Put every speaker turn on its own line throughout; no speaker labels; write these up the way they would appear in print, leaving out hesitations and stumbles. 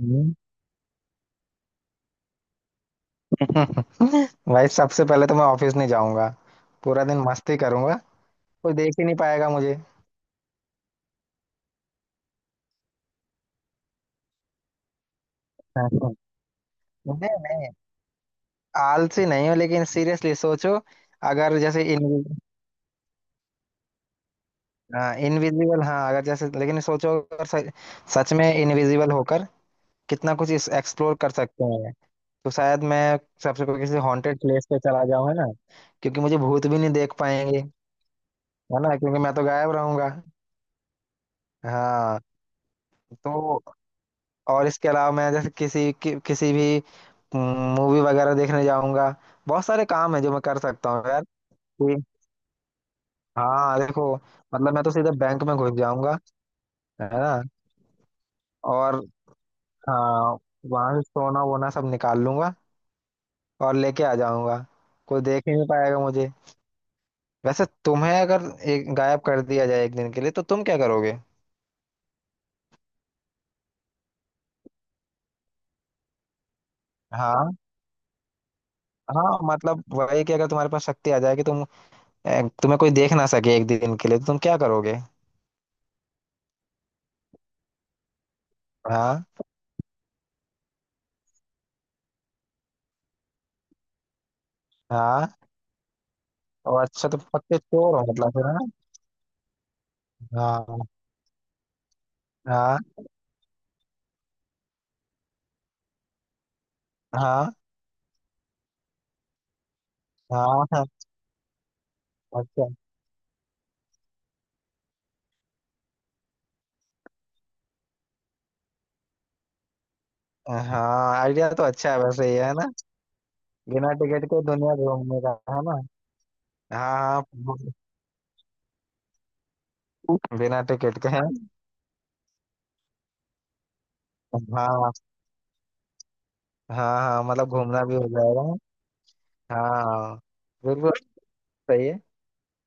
हम्म। भाई, सबसे पहले तो मैं ऑफिस नहीं जाऊंगा। पूरा दिन मस्ती करूंगा। कोई देख ही नहीं पाएगा मुझे। नहीं, नहीं, आलसी नहीं हो लेकिन सीरियसली सोचो। अगर जैसे इनविजिबल, हाँ, इनविजिबल, हाँ, अगर जैसे, लेकिन सोचो, अगर सच, सच में इनविजिबल होकर कितना कुछ एक्सप्लोर कर सकते हैं। तो शायद मैं सबसे पहले किसी हॉन्टेड प्लेस पे चला जाऊं, है ना, क्योंकि मुझे भूत भी नहीं देख पाएंगे। है ना, क्योंकि मैं तो गायब रहूंगा। हाँ, तो और इसके अलावा मैं जैसे किसी भी मूवी वगैरह देखने जाऊंगा। बहुत सारे काम है जो मैं कर सकता हूँ यार। कि- हाँ, देखो, मतलब मैं तो सीधे बैंक में घुस जाऊंगा। है ना। और हाँ, वहां से सोना वोना सब निकाल लूंगा और लेके आ जाऊंगा। कोई देख ही नहीं पाएगा मुझे। वैसे तुम्हें अगर एक गायब कर दिया जाए एक दिन के लिए तो तुम क्या करोगे। हाँ, हाँ, मतलब वही कि अगर तुम्हारे पास शक्ति आ जाए कि तुम्हें कोई देख ना सके एक दिन के लिए तो तुम क्या करोगे। हाँ, हाँ। और अच्छा, तो पक्के चोर हो मतलब फिर, है ना। हाँ, हाँ, हाँ, हाँ, हाँ, अच्छा। हाँ, आइडिया तो अच्छा है वैसे ये, है ना। बिना टिकट के दुनिया घूमने का, है ना। हाँ, हाँ, बिना टिकट के है। हाँ, हाँ, हाँ, मतलब घूमना भी हो जाएगा। हाँ, बिल्कुल, सही है।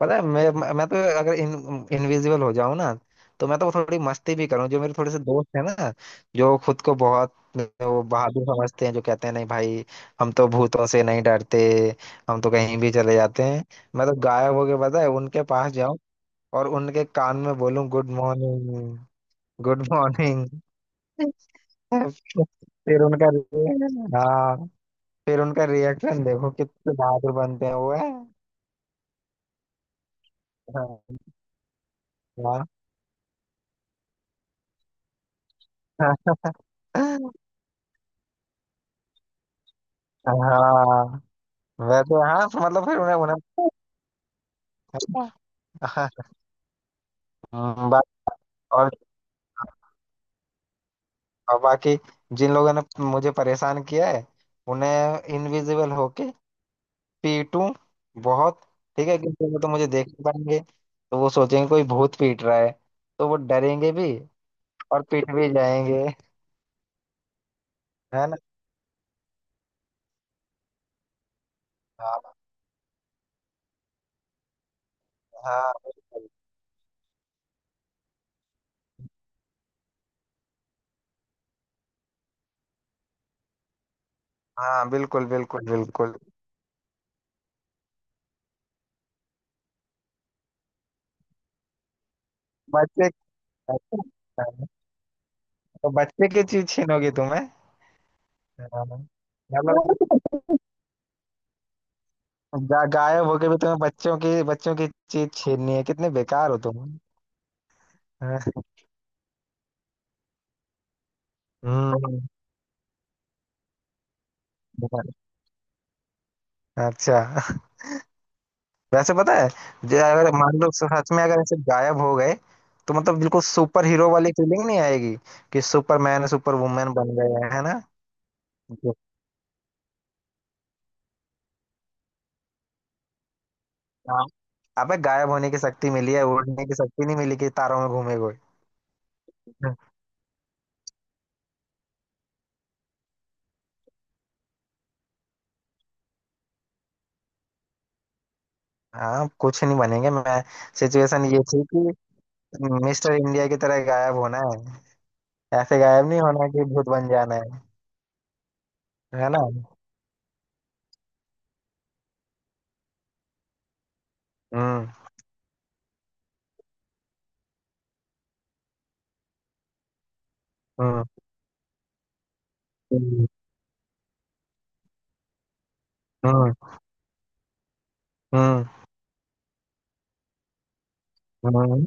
पता है मैं तो अगर इनविजिबल हो जाऊं ना, तो मैं तो थोड़ी मस्ती भी करूं। जो मेरे थोड़े से दोस्त हैं ना, जो खुद को बहुत वो बहादुर समझते हैं, जो कहते हैं नहीं भाई, हम तो भूतों से नहीं डरते, हम तो कहीं भी चले जाते हैं। मैं तो गायब होके पता है उनके पास जाऊं और उनके कान में बोलूं, गुड मॉर्निंग, गुड मॉर्निंग। फिर उनका, हाँ, फिर उनका रिएक्शन देखो कितने बहादुर बनते हैं वो, है। हाँ, हाँ, हाँ, वैसे हाँ, मतलब फिर उन्हें उन्हें। हाँ, हाँ और, और बाकी जिन लोगों ने मुझे परेशान किया है उन्हें इनविजिबल होके पीटूं बहुत। ठीक है, क्योंकि वो तो मुझे देख नहीं पाएंगे। तो वो सोचेंगे कोई भूत पीट रहा है। तो वो डरेंगे भी और पीट भी जाएंगे। है ना। हाँ, हाँ, बिल्कुल, हाँ बिल्कुल, बिल्कुल, बिल्कुल। बच्चे, तो बच्चे की चीज छीनोगी तुम्हें। हाँ, मतलब गायब होके भी तुम्हें बच्चों की चीज छीननी है। कितने बेकार हो तुम। हाँ, हम्म, बेकार। अच्छा, वैसे पता है, जो अगर मान लो सच में अगर ऐसे गायब हो गए, तो मतलब बिल्कुल सुपर हीरो वाली फीलिंग नहीं आएगी कि सुपरमैन, सुपर वुमेन बन गए हैं, है ना। जी। हाँ। अबे, गायब होने की शक्ति मिली है, उड़ने की शक्ति नहीं मिली कि तारों में घूमे हुए। हाँ, कुछ नहीं बनेंगे। मैं, सिचुएशन ये थी कि मिस्टर इंडिया की तरह गायब होना है, ऐसे गायब नहीं होना कि भूत बन जाना है ना। हम्म। हम्म। हम्म। हम्म। हम्म,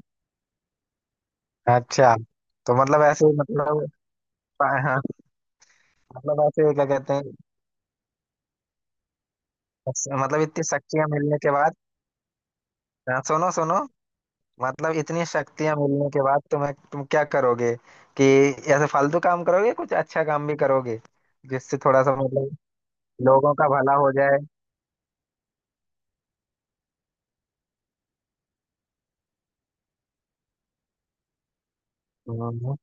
अच्छा। तो मतलब ऐसे, मतलब हाँ, मतलब ऐसे क्या कहते हैं, मतलब इतनी शक्तियां मिलने के बाद। हाँ, सुनो, सुनो, मतलब इतनी शक्तियां मिलने के बाद तुम्हें, तुम क्या करोगे? कि ऐसे फालतू काम करोगे, कुछ अच्छा काम भी करोगे जिससे थोड़ा सा, मतलब, लोगों का भला हो जाए। हम्म,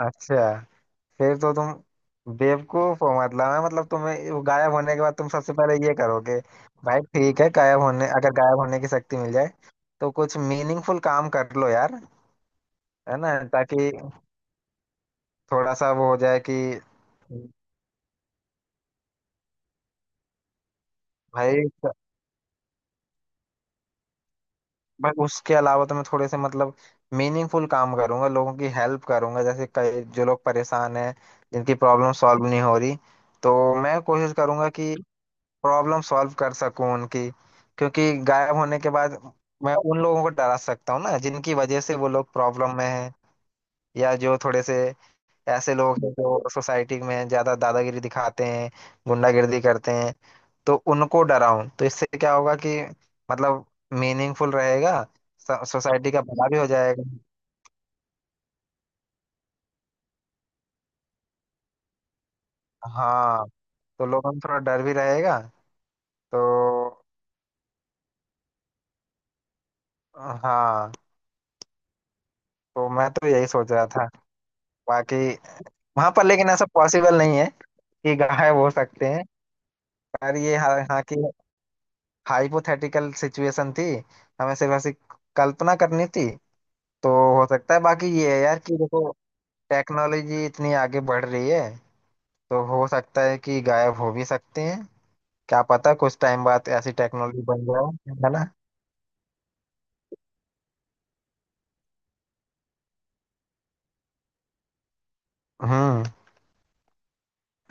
अच्छा। फिर तो तुम बेवकूफ हो, मतलब है मतलब तुम्हें वो गायब होने के बाद तुम सबसे पहले ये करोगे। भाई ठीक है, गायब होने, अगर गायब होने की शक्ति मिल जाए तो कुछ मीनिंगफुल काम कर लो यार, है ना, ताकि थोड़ा सा वो हो जाए कि, भाई, भाई उसके अलावा तो मैं थोड़े से, मतलब, मीनिंगफुल काम करूंगा, लोगों की हेल्प करूंगा। जैसे कई जो लोग परेशान हैं, जिनकी प्रॉब्लम सॉल्व नहीं हो रही, तो मैं कोशिश करूंगा कि प्रॉब्लम सॉल्व कर सकूं उनकी। क्योंकि गायब होने के बाद मैं उन लोगों को डरा सकता हूँ ना, जिनकी वजह से वो लोग प्रॉब्लम में हैं, या जो थोड़े से ऐसे लोग हैं जो सोसाइटी में ज्यादा दादागिरी दिखाते हैं, गुंडागिर्दी करते हैं, तो उनको डराऊं। तो इससे क्या होगा कि, मतलब, मीनिंगफुल रहेगा, सोसाइटी का भला भी हो जाएगा। हाँ, तो लोगों में थोड़ा डर भी रहेगा। तो हाँ, तो मैं तो यही सोच रहा था। बाकी वहां पर, लेकिन ऐसा पॉसिबल नहीं है कि गायब हो सकते हैं। पर ये हाँ कि हाइपोथेटिकल सिचुएशन थी, हमें सिर्फ ऐसी कल्पना करनी थी, तो हो सकता है। बाकी ये है यार कि देखो टेक्नोलॉजी इतनी आगे बढ़ रही है, तो हो सकता है कि गायब हो भी सकते हैं। क्या पता कुछ टाइम बाद ऐसी टेक्नोलॉजी बन जाए, है ना। हम्म।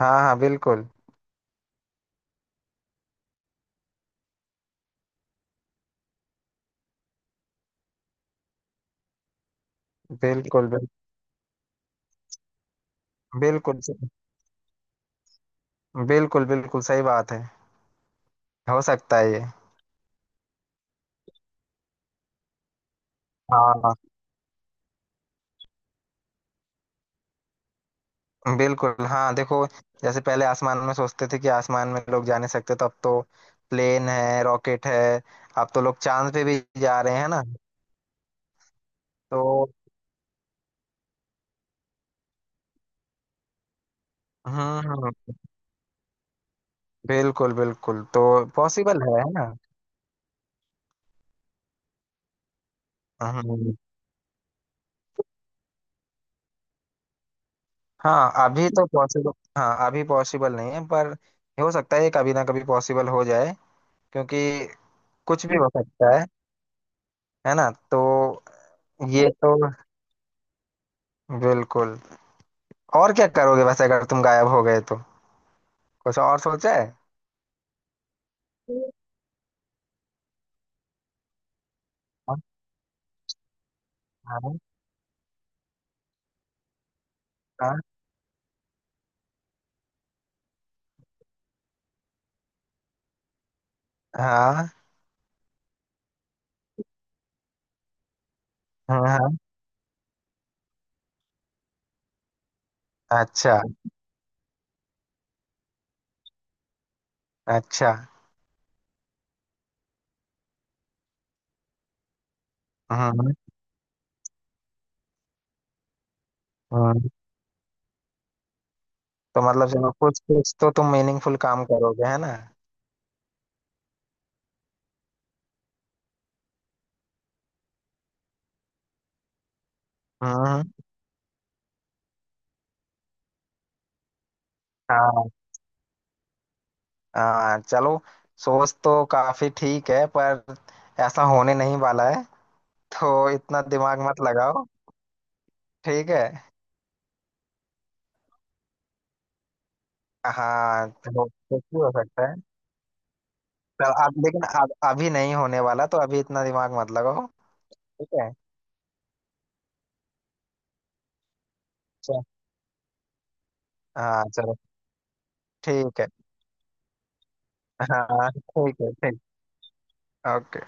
हाँ, हाँ, बिल्कुल, बिल्कुल, बिल्कुल, बिल्कुल, बिल्कुल, बिल्कुल सही बात है, हो सकता है ये। हाँ, बिल्कुल, हाँ देखो, जैसे पहले आसमान में सोचते थे कि आसमान में लोग जा नहीं सकते, तो अब तो प्लेन है, रॉकेट है, अब तो लोग चांद पे भी जा रहे हैं ना। तो हम्म, बिल्कुल, बिल्कुल, तो पॉसिबल है ना। हम्म, हाँ, अभी तो पॉसिबल, हाँ अभी पॉसिबल नहीं है पर हो सकता है ये कभी ना कभी पॉसिबल हो जाए, क्योंकि कुछ भी हो सकता है ना। तो ये तो, बिल्कुल। और क्या करोगे वैसे, अगर तुम गायब हो गए तो? कुछ और सोचा है? हाँ, हाँ, हाँ, हाँ, हाँ, हाँ, अच्छा, अच्छा। हम्म। हम्म। तो मतलब चलो कुछ कुछ तो तुम मीनिंगफुल काम करोगे, है ना। हम्म, हाँ, हाँ चलो। सोच तो काफी ठीक है पर ऐसा होने नहीं वाला है, तो इतना दिमाग मत लगाओ। ठीक है। हाँ चलो, कुछ भी हो सकता है। चल, अब लेकिन अब अभी नहीं होने वाला, तो अभी इतना दिमाग मत लगाओ। ठीक है। चल। हाँ, चलो, ठीक है। हाँ, ठीक है, ठीक, ओके।